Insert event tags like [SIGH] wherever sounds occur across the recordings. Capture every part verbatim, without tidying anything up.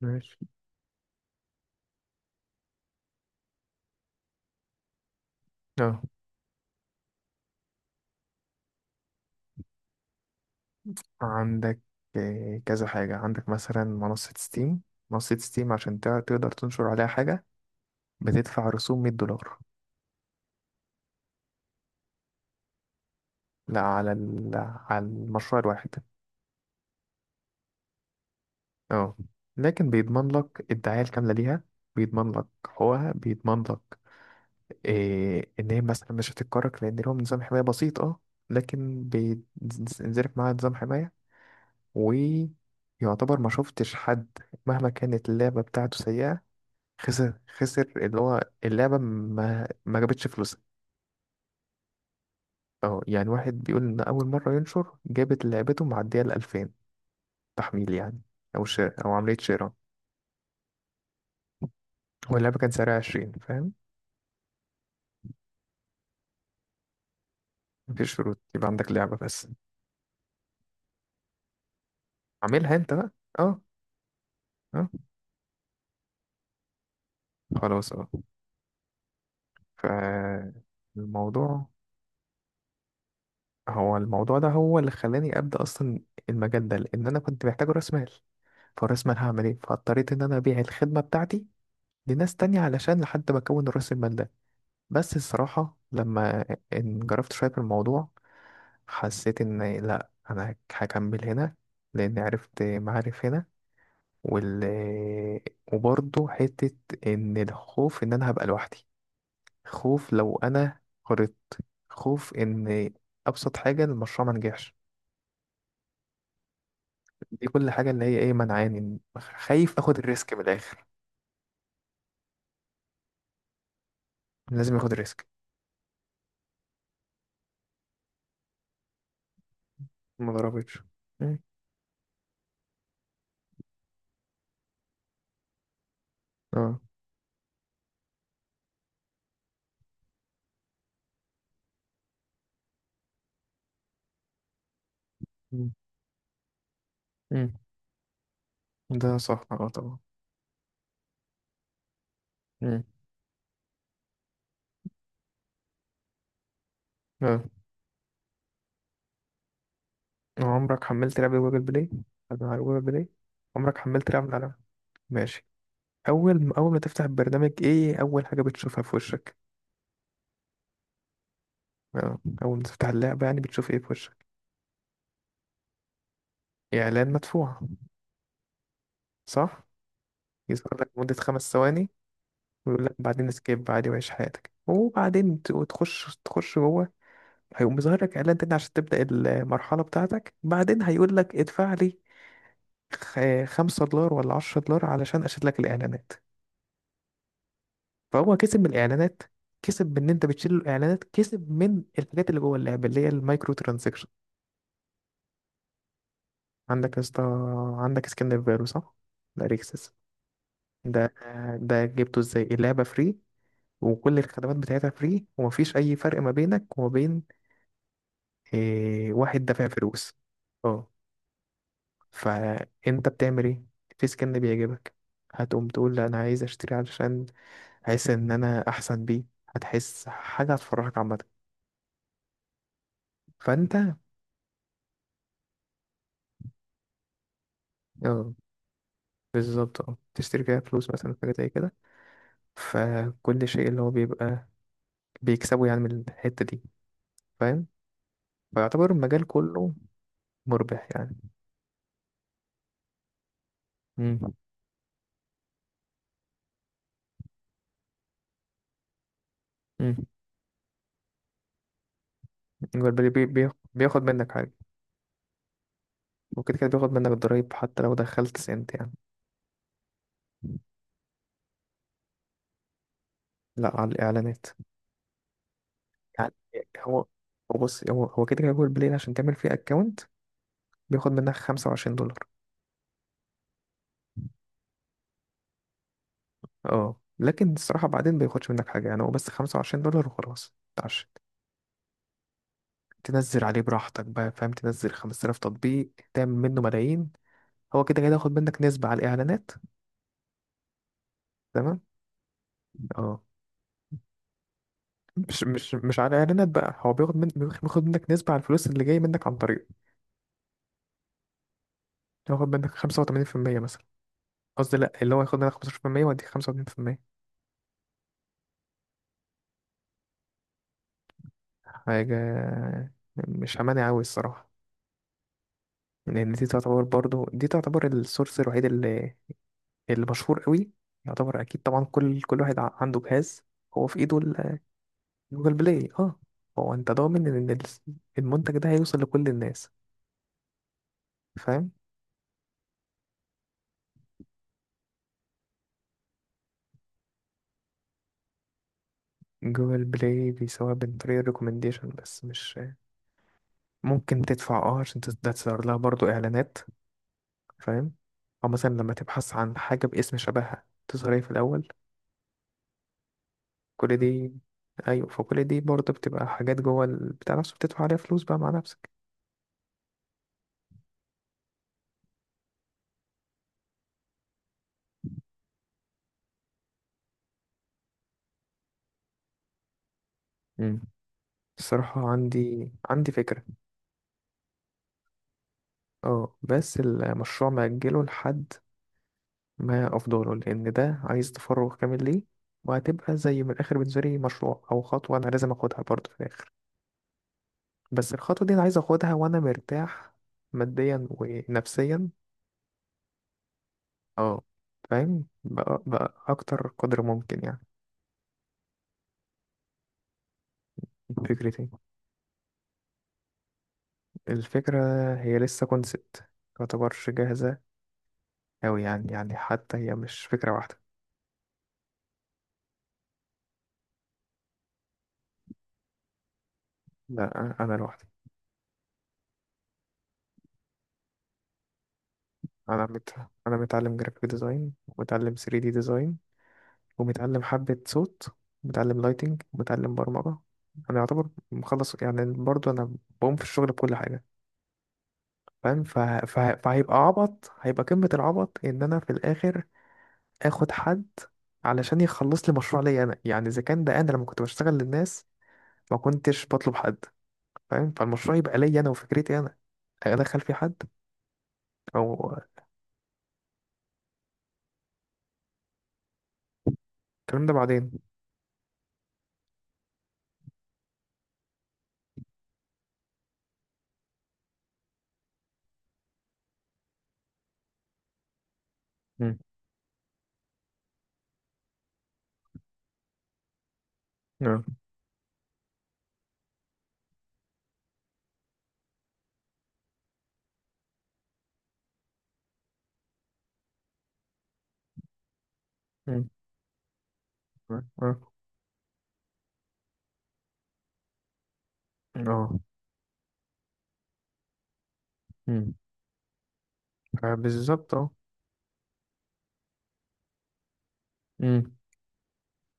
ماشي. اه عندك، آه، كذا حاجة. عندك مثلا منصة ستيم منصة ستيم عشان تع- تقدر تنشر عليها حاجة. بتدفع رسوم مية دولار. لا على ال... على المشروع الواحد. اه، لكن بيضمن لك الدعاية الكاملة ليها. بيضمن لك حقوقها، بيضمن لك إيه، إن هي مثلا مش هتتكرك، لأن لهم نظام حماية بسيط. اه لكن بينزلك معاها نظام حماية، ويعتبر ما شفتش حد مهما كانت اللعبة بتاعته سيئة. خسر خسر اللي هو اللعبة ما ما جابتش فلوسها. اه، يعني واحد بيقول إن أول مرة ينشر جابت لعبته معدية الألفين تحميل، يعني أو شراء أو عملية شراء. واللعبة كان سعرها عشرين، فاهم. مفيش شروط، يبقى عندك لعبة بس. عاملها أنت بقى. اه. اه، خلاص. اه. فالموضوع، هو الموضوع ده هو اللي خلاني أبدأ أصلا المجال ده، لأن أنا كنت محتاج رأس مال. فرأس مال هعمل إيه، فاضطريت إن أنا أبيع الخدمة بتاعتي لناس تانية علشان لحد ما أكون رأس المال. بس الصراحة لما انجرفت شوية في الموضوع، حسيت إن لأ، أنا هكمل هنا، لأن عرفت معارف هنا. وال وبرضه حتة، إن الخوف إن أنا هبقى لوحدي، خوف لو أنا غلطت، خوف إن أبسط حاجة المشروع ما نجحش. دي كل حاجة اللي هي إيه، منعاني خايف آخد الريسك من الآخر. لازم آخد الريسك. ما ضربتش. مم. اه. مم. مم. ده صح. اه طبعا. مم. اه. عمرك حملت لعبة جوجل بلاي؟ أنا على جوجل بلاي، عمرك حملت لعبة على. ماشي. أول أول ما تفتح البرنامج، إيه أول حاجة بتشوفها في وشك؟ آه، أول ما تفتح اللعبة، يعني بتشوف إيه في وشك؟ إعلان مدفوع، صح؟ يظهر لك مدة خمس ثواني، ويقول لك بعدين سكيب عادي وعيش حياتك، وبعدين ت- وتخش، تخش جوه. هيقوم مظهر لك إعلان تاني عشان تبدأ المرحلة بتاعتك، بعدين هيقول لك ادفع لي خ- خمسة دولار ولا عشرة دولار علشان أشد لك الإعلانات. فهو كسب من الاعلانات، كسب من ان انت بتشيل الاعلانات، كسب من الحاجات اللي جوه اللعبه، اللي هي المايكرو ترانزكشن. عندك يا اسطى، عندك سكن فيرو، صح؟ ده ريكسس. ده، ده جبته ازاي؟ اللعبه فري، وكل الخدمات بتاعتها فري، ومفيش اي فرق ما بينك وما بين إيه، واحد دافع فلوس. اه، فانت بتعمل ايه؟ في سكن بيعجبك، هتقوم تقول لا انا عايز اشتري علشان احس ان انا احسن بيه، هتحس حاجه هتفرحك عامه. فانت، اه بالظبط، اه، تشتري فيها فلوس مثلا، حاجة زي كده. فكل شيء اللي هو بيبقى بيكسبه يعني من الحتة دي، فاهم. فيعتبر المجال كله مربح يعني. امم. امم. هو البلي- بي- بي- بياخد منك حاجة. وكده كده بياخد منك الضرايب حتى لو دخلت سنت يعني. لا، على الإعلانات، يعني هو، هو بص، هو هو كده كده جوجل بلاي عشان تعمل فيه أكونت بياخد منك خمسة وعشرين دولار. اه، لكن الصراحة بعدين بياخدش منك حاجة، يعني هو بس خمسة وعشرين دولار وخلاص. تنزل عليه براحتك بقى، فاهم، تنزل خمس تلاف تطبيق تعمل منه ملايين. هو كده كده هياخد منك نسبة على الإعلانات. تمام. اه. مش مش مش على الإعلانات بقى، هو بياخد من، بياخد منك نسبة على الفلوس اللي جاية منك عن طريقه. هياخد منك خمسة وتمانين في المية مثلا، قصدي لأ، اللي هو هياخد منك خمستاشر في المية ويديك خمسة وتمانين في المية. حاجة مش أمانة أوي الصراحة. لأن دي تعتبر، برضو دي تعتبر السورس الوحيد اللي اللي مشهور قوي. يعتبر أكيد طبعا كل كل واحد ع- عنده جهاز هو في إيده. جوجل بلاي. اه. هو انت ضامن ان الس- المنتج ده هيوصل لكل الناس، فاهم. جوجل بلاي بيسويها عن طريق الريكومنديشن، بس مش ممكن تدفع اه عشان تس- ده تظهر لها برضو اعلانات، فاهم. او مثلا لما تبحث عن حاجة باسم شبهها تظهر ايه في الاول. كل دي، ايوه، فكل دي برضو بتبقى حاجات جوه بتاع نفسه، بتدفع عليها فلوس بقى مع نفسك. مم. الصراحة عندي عندي فكرة. اه، بس المشروع مأجله لحد ما أفضله، لأن ده عايز تفرغ كامل ليه. وهتبقى زي من الآخر بالنسبة لي مشروع أو خطوة أنا لازم أخدها برضه في الآخر. بس الخطوة دي أنا عايز أخدها وأنا مرتاح ماديا ونفسيا. اه، فاهم بقى, بقى أكتر قدر ممكن يعني. فكرتي، الفكرة هي لسه كونسبت، متعتبرش جاهزة أوي، يعني يعني حتى هي مش فكرة واحدة. لا، أنا لوحدي. أنا مت... أنا متعلم جرافيك ديزاين، ومتعلم ثري دي ديزاين، ومتعلم حبة صوت، ومتعلم لايتنج، ومتعلم برمجة. أنا يعتبر مخلص يعني، برضو أنا بقوم في الشغل بكل حاجة. فاهم. ف... ف... فهيبقى عبط، هيبقى قمة العبط إن أنا في الآخر آخد حد علشان يخلص لي مشروع ليا أنا، يعني إذا كان ده أنا لما كنت بشتغل للناس ما كنتش بطلب حد، فاهم. فالمشروع يبقى ليا أنا وفكرتي أنا، أدخل فيه حد أو الكلام ده بعدين. مم. اه. مم. تمام. اه. اه. مم. آه، بالظبط. اه.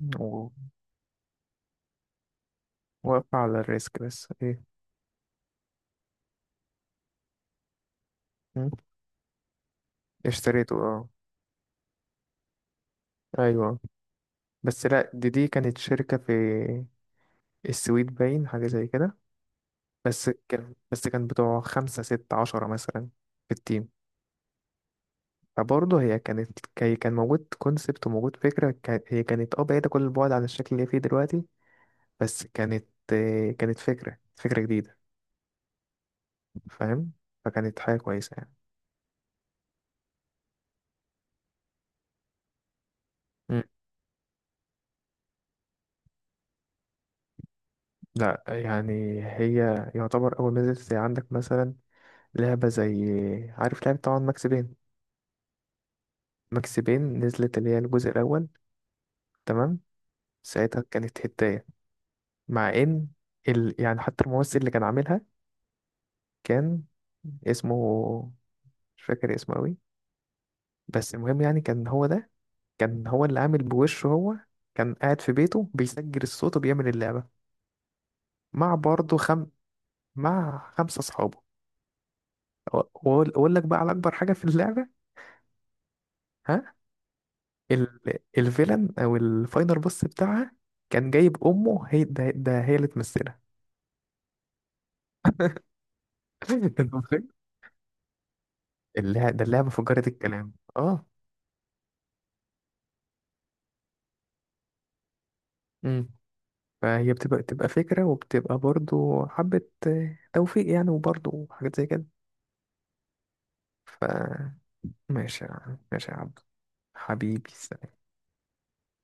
مم. واقفة على الريسك بس ايه. مم. اشتريته اه. ايوه، بس لا، دي دي كانت شركة في السويد باين حاجة زي كده. بس كان بس كان بتوع خمسة ستة عشرة مثلا في التيم. فبرضه هي كانت، هي كان موجود كونسبت وموجود فكرة. كان- هي كانت اه بعيدة كل البعد عن الشكل اللي هي فيه دلوقتي. بس كانت، آه، كانت فكرة فكرة جديدة، فاهم، فكانت حاجة كويسة يعني. مم. لا يعني، هي يعتبر أول ما نزلت زي عندك مثلا لعبة زي، عارف لعبة طبعا ماكس بين. ماكس بين نزلت، اللي هي الجزء الأول. تمام. ساعتها كانت هداية، مع إن ال... يعني حتى الممثل اللي كان عاملها، كان اسمه، مش فاكر اسمه أوي. بس المهم يعني كان هو ده، كان هو اللي عامل بوشه هو، كان قاعد في بيته بيسجل الصوت وبيعمل اللعبة مع برضه خم... مع خمسة أصحابه. وأقول أقول لك بقى على أكبر حاجة في اللعبة. ها. ال... الفيلن او الفاينل بوس بتاعها، كان جايب امه هي، ده, ده هي اللي تمثلها. [LAUGHS] انت متخيل. اللعبه ده اللعبه فجرت الكلام. اه. امم. فهي بتبقى بتبقى فكره، وبتبقى برضو حبه آه، توفيق يعني، وبرضو حاجات زي كده. ف ماشي يا عم- ماشي يا عبد. حبيبي.